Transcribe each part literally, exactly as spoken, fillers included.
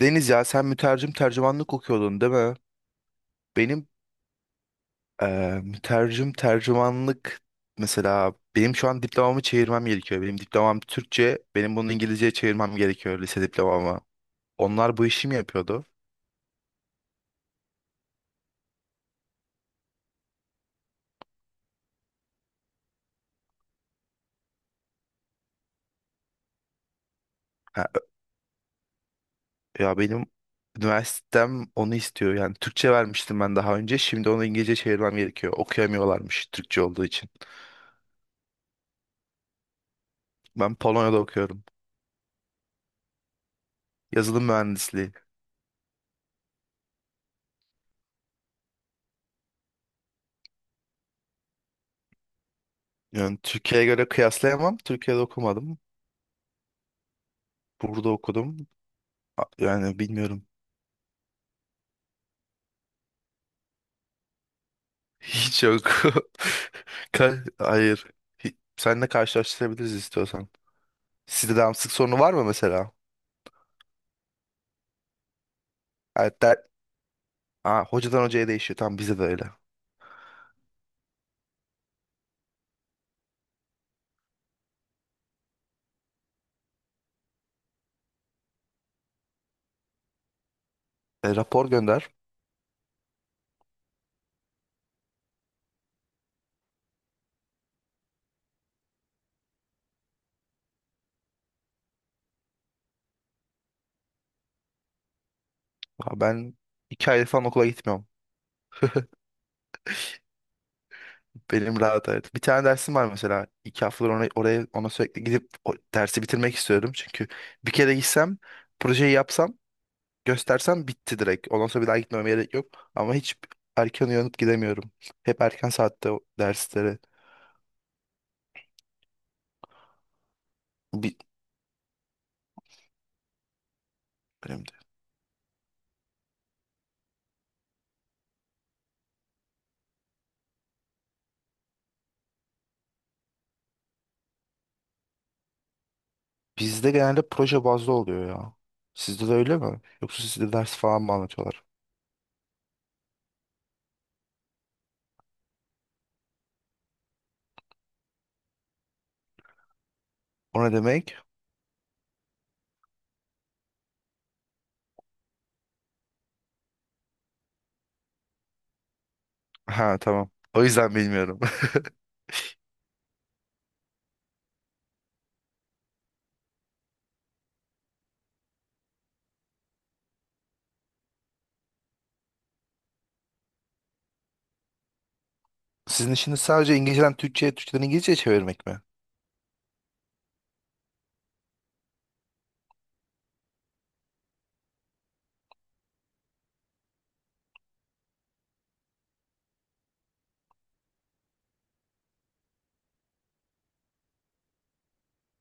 Deniz, ya sen mütercim tercümanlık okuyordun, değil mi? Benim eee mütercim tercümanlık, mesela benim şu an diplomamı çevirmem gerekiyor. Benim diplomam Türkçe, benim bunu İngilizceye çevirmem gerekiyor, lise diplomamı. Onlar bu işi mi yapıyordu? Ha, ya benim üniversitem onu istiyor. Yani Türkçe vermiştim ben daha önce. Şimdi onu İngilizce çevirmem gerekiyor. Okuyamıyorlarmış Türkçe olduğu için. Ben Polonya'da okuyorum. Yazılım mühendisliği. Yani Türkiye'ye göre kıyaslayamam. Türkiye'de okumadım. Burada okudum. A- Yani bilmiyorum. Hiç yok. Ka- Hayır. Hi- Seninle karşılaştırabiliriz istiyorsan. Sizde devamsızlık sorunu var mı mesela? Evet, der... Aa, hocadan hocaya değişiyor. Tamam, bizde de öyle. E, rapor gönder. Aa, ben iki ay falan okula gitmiyorum. Benim rahat, evet. Bir tane dersim var mesela. İki haftadır ona, oraya, ona sürekli gidip o dersi bitirmek istiyordum. Çünkü bir kere gitsem, projeyi yapsam, göstersem bitti direkt. Ondan sonra bir daha gitmeme gerek yok. Ama hiç erken uyanıp gidemiyorum. Hep erken saatte o derslere. Bi- Önemli değil. Bizde genelde proje bazlı oluyor ya. Sizde de öyle mi? Yoksa sizde ders falan mı anlatıyorlar? O ne demek? Ha, tamam. O yüzden bilmiyorum. Sizin işiniz sadece İngilizceden Türkçe'ye, Türkçeden İngilizce'ye çevirmek mi?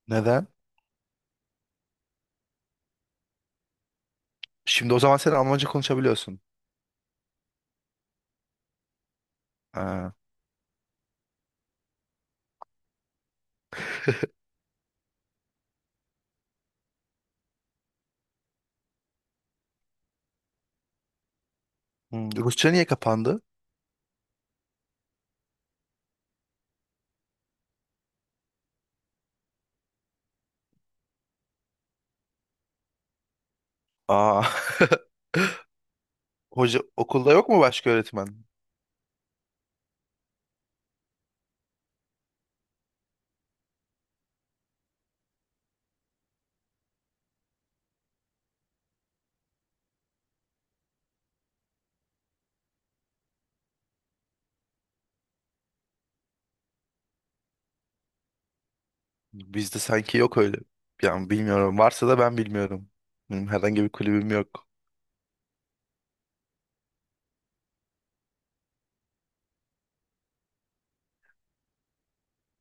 Neden? Şimdi o zaman sen Almanca konuşabiliyorsun. Ha. Hmm, Rusça niye kapandı? Aa. Hoca okulda yok mu, başka öğretmen? Bizde sanki yok öyle. Yani bilmiyorum. Varsa da ben bilmiyorum. Benim herhangi bir kulübüm yok.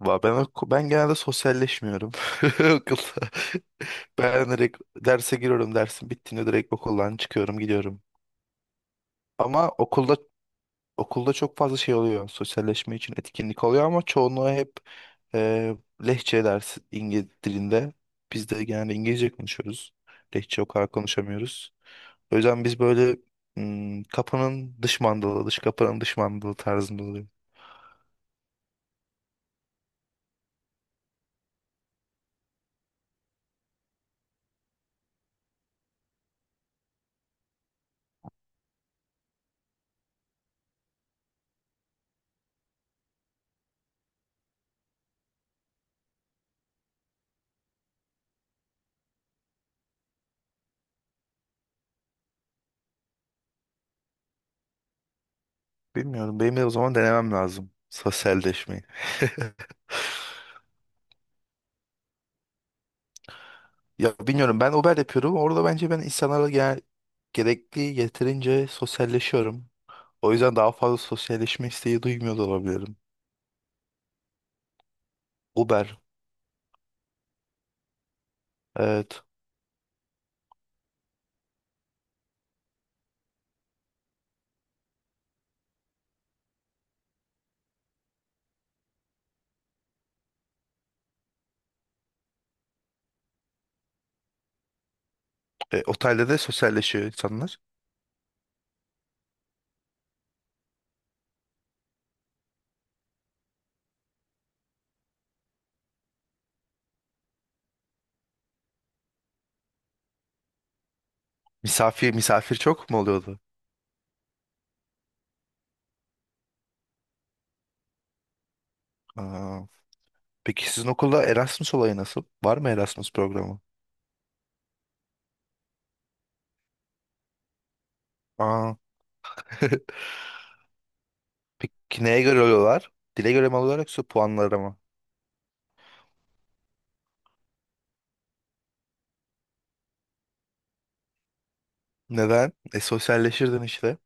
Va- Ben oku- ben genelde sosyalleşmiyorum okulda. Ben direkt derse giriyorum. Dersin bittiğinde direkt okuldan çıkıyorum, gidiyorum. Ama okulda, okulda çok fazla şey oluyor. Sosyalleşme için etkinlik oluyor ama çoğunluğu hep Ee, Lehçe dersi İngiliz dilinde. Biz de genelde İngilizce konuşuyoruz. Lehçe o kadar konuşamıyoruz. O yüzden biz böyle hmm, kapının dış mandalı, dış kapının dış mandalı tarzında oluyor. Bilmiyorum. Benim de o zaman denemem lazım. Sosyalleşmeyi. Ya bilmiyorum. Ben Uber yapıyorum. Orada bence ben insanlarla gene- gerekli, yeterince sosyalleşiyorum. O yüzden daha fazla sosyalleşme isteği duymuyor da olabilirim. Uber. Evet. E, otelde de sosyalleşiyor insanlar. Misafir, misafir çok mu oluyordu? Aa, peki sizin okulda Erasmus olayı nasıl? Var mı Erasmus programı? Aa. Peki neye göre alıyorlar? Dile göre mi alıyorlar, yoksa puanlara mı? Neden? E, sosyalleşirdin işte.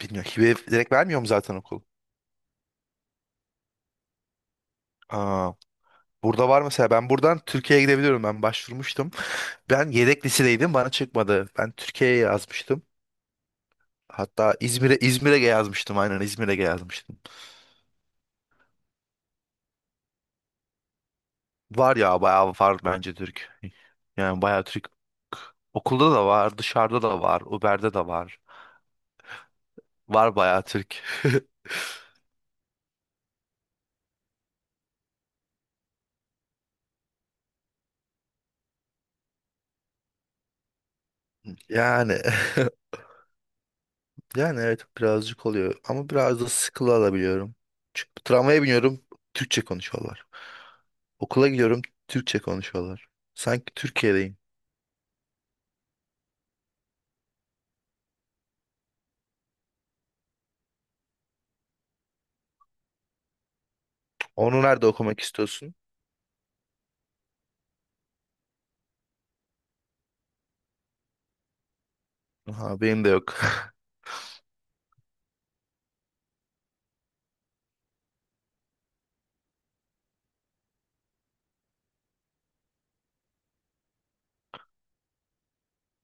Bilmiyorum. Hibe direkt vermiyor mu zaten okul? Aa, burada var mesela, ben buradan Türkiye'ye gidebiliyorum. Ben başvurmuştum. Ben yedek lisedeydim, bana çıkmadı. Ben Türkiye'ye yazmıştım. Hatta İzmir'e, İzmir'e yazmıştım, aynen İzmir'e yazmıştım. Var ya, bayağı var bence Türk. Yani bayağı Türk. Okulda da var, dışarıda da var, Uber'de de var. Var bayağı Türk. Yani, yani evet, birazcık oluyor ama biraz da sıkılı alabiliyorum. Çünkü tramvaya biniyorum, Türkçe konuşuyorlar. Okula gidiyorum, Türkçe konuşuyorlar. Sanki Türkiye'deyim. Onu nerede okumak istiyorsun? Aha, benim de yok.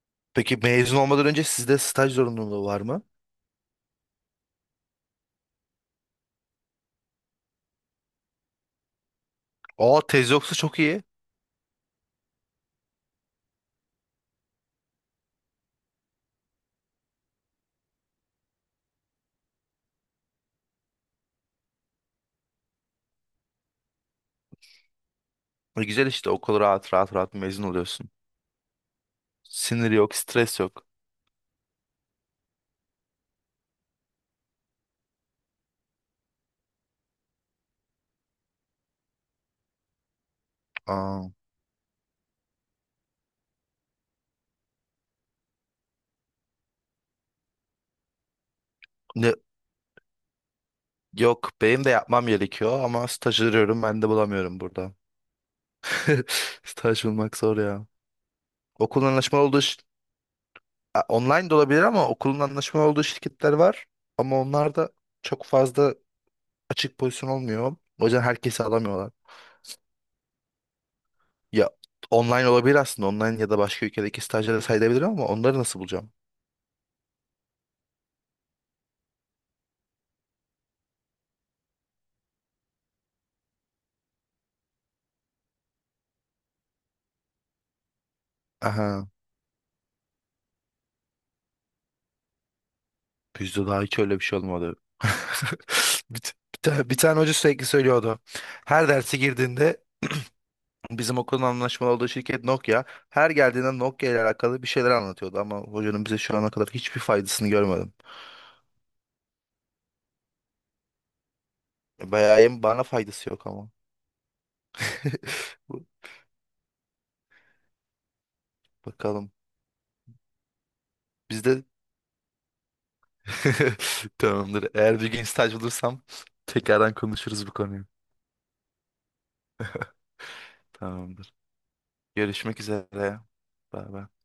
Peki mezun olmadan önce sizde staj zorunluluğu var mı? Aa, tez yoksa çok iyi. E, güzel işte, okul rahat rahat rahat mezun oluyorsun. Sinir yok, stres yok. Aa, ne, yok, benim de yapmam gerekiyor ama staj arıyorum, ben de bulamıyorum burada. Staj bulmak zor ya. Okulun anlaşmalı olduğu şir- A, online de olabilir ama okulun anlaşmalı olduğu şirketler var. Ama onlar da çok fazla açık pozisyon olmuyor. O yüzden herkesi alamıyorlar. Ya, online olabilir aslında. Online ya da başka ülkedeki stajyere sayılabilir ama onları nasıl bulacağım? Aha. Bizde daha hiç öyle bir şey olmadı. Bir, t- bir tane, bir tane hoca sürekli söylüyordu. Her derse girdiğinde bizim okulun anlaşmalı olduğu şirket Nokia. Her geldiğinde Nokia ile alakalı bir şeyler anlatıyordu ama hocanın bize şu ana kadar hiçbir faydasını görmedim. Bayağı, hem bana faydası yok ama. Bu- Bakalım. Bizde tamamdır. Eğer bir gün staj bulursam tekrardan konuşuruz bu konuyu. Tamamdır. Görüşmek üzere. Bay bay.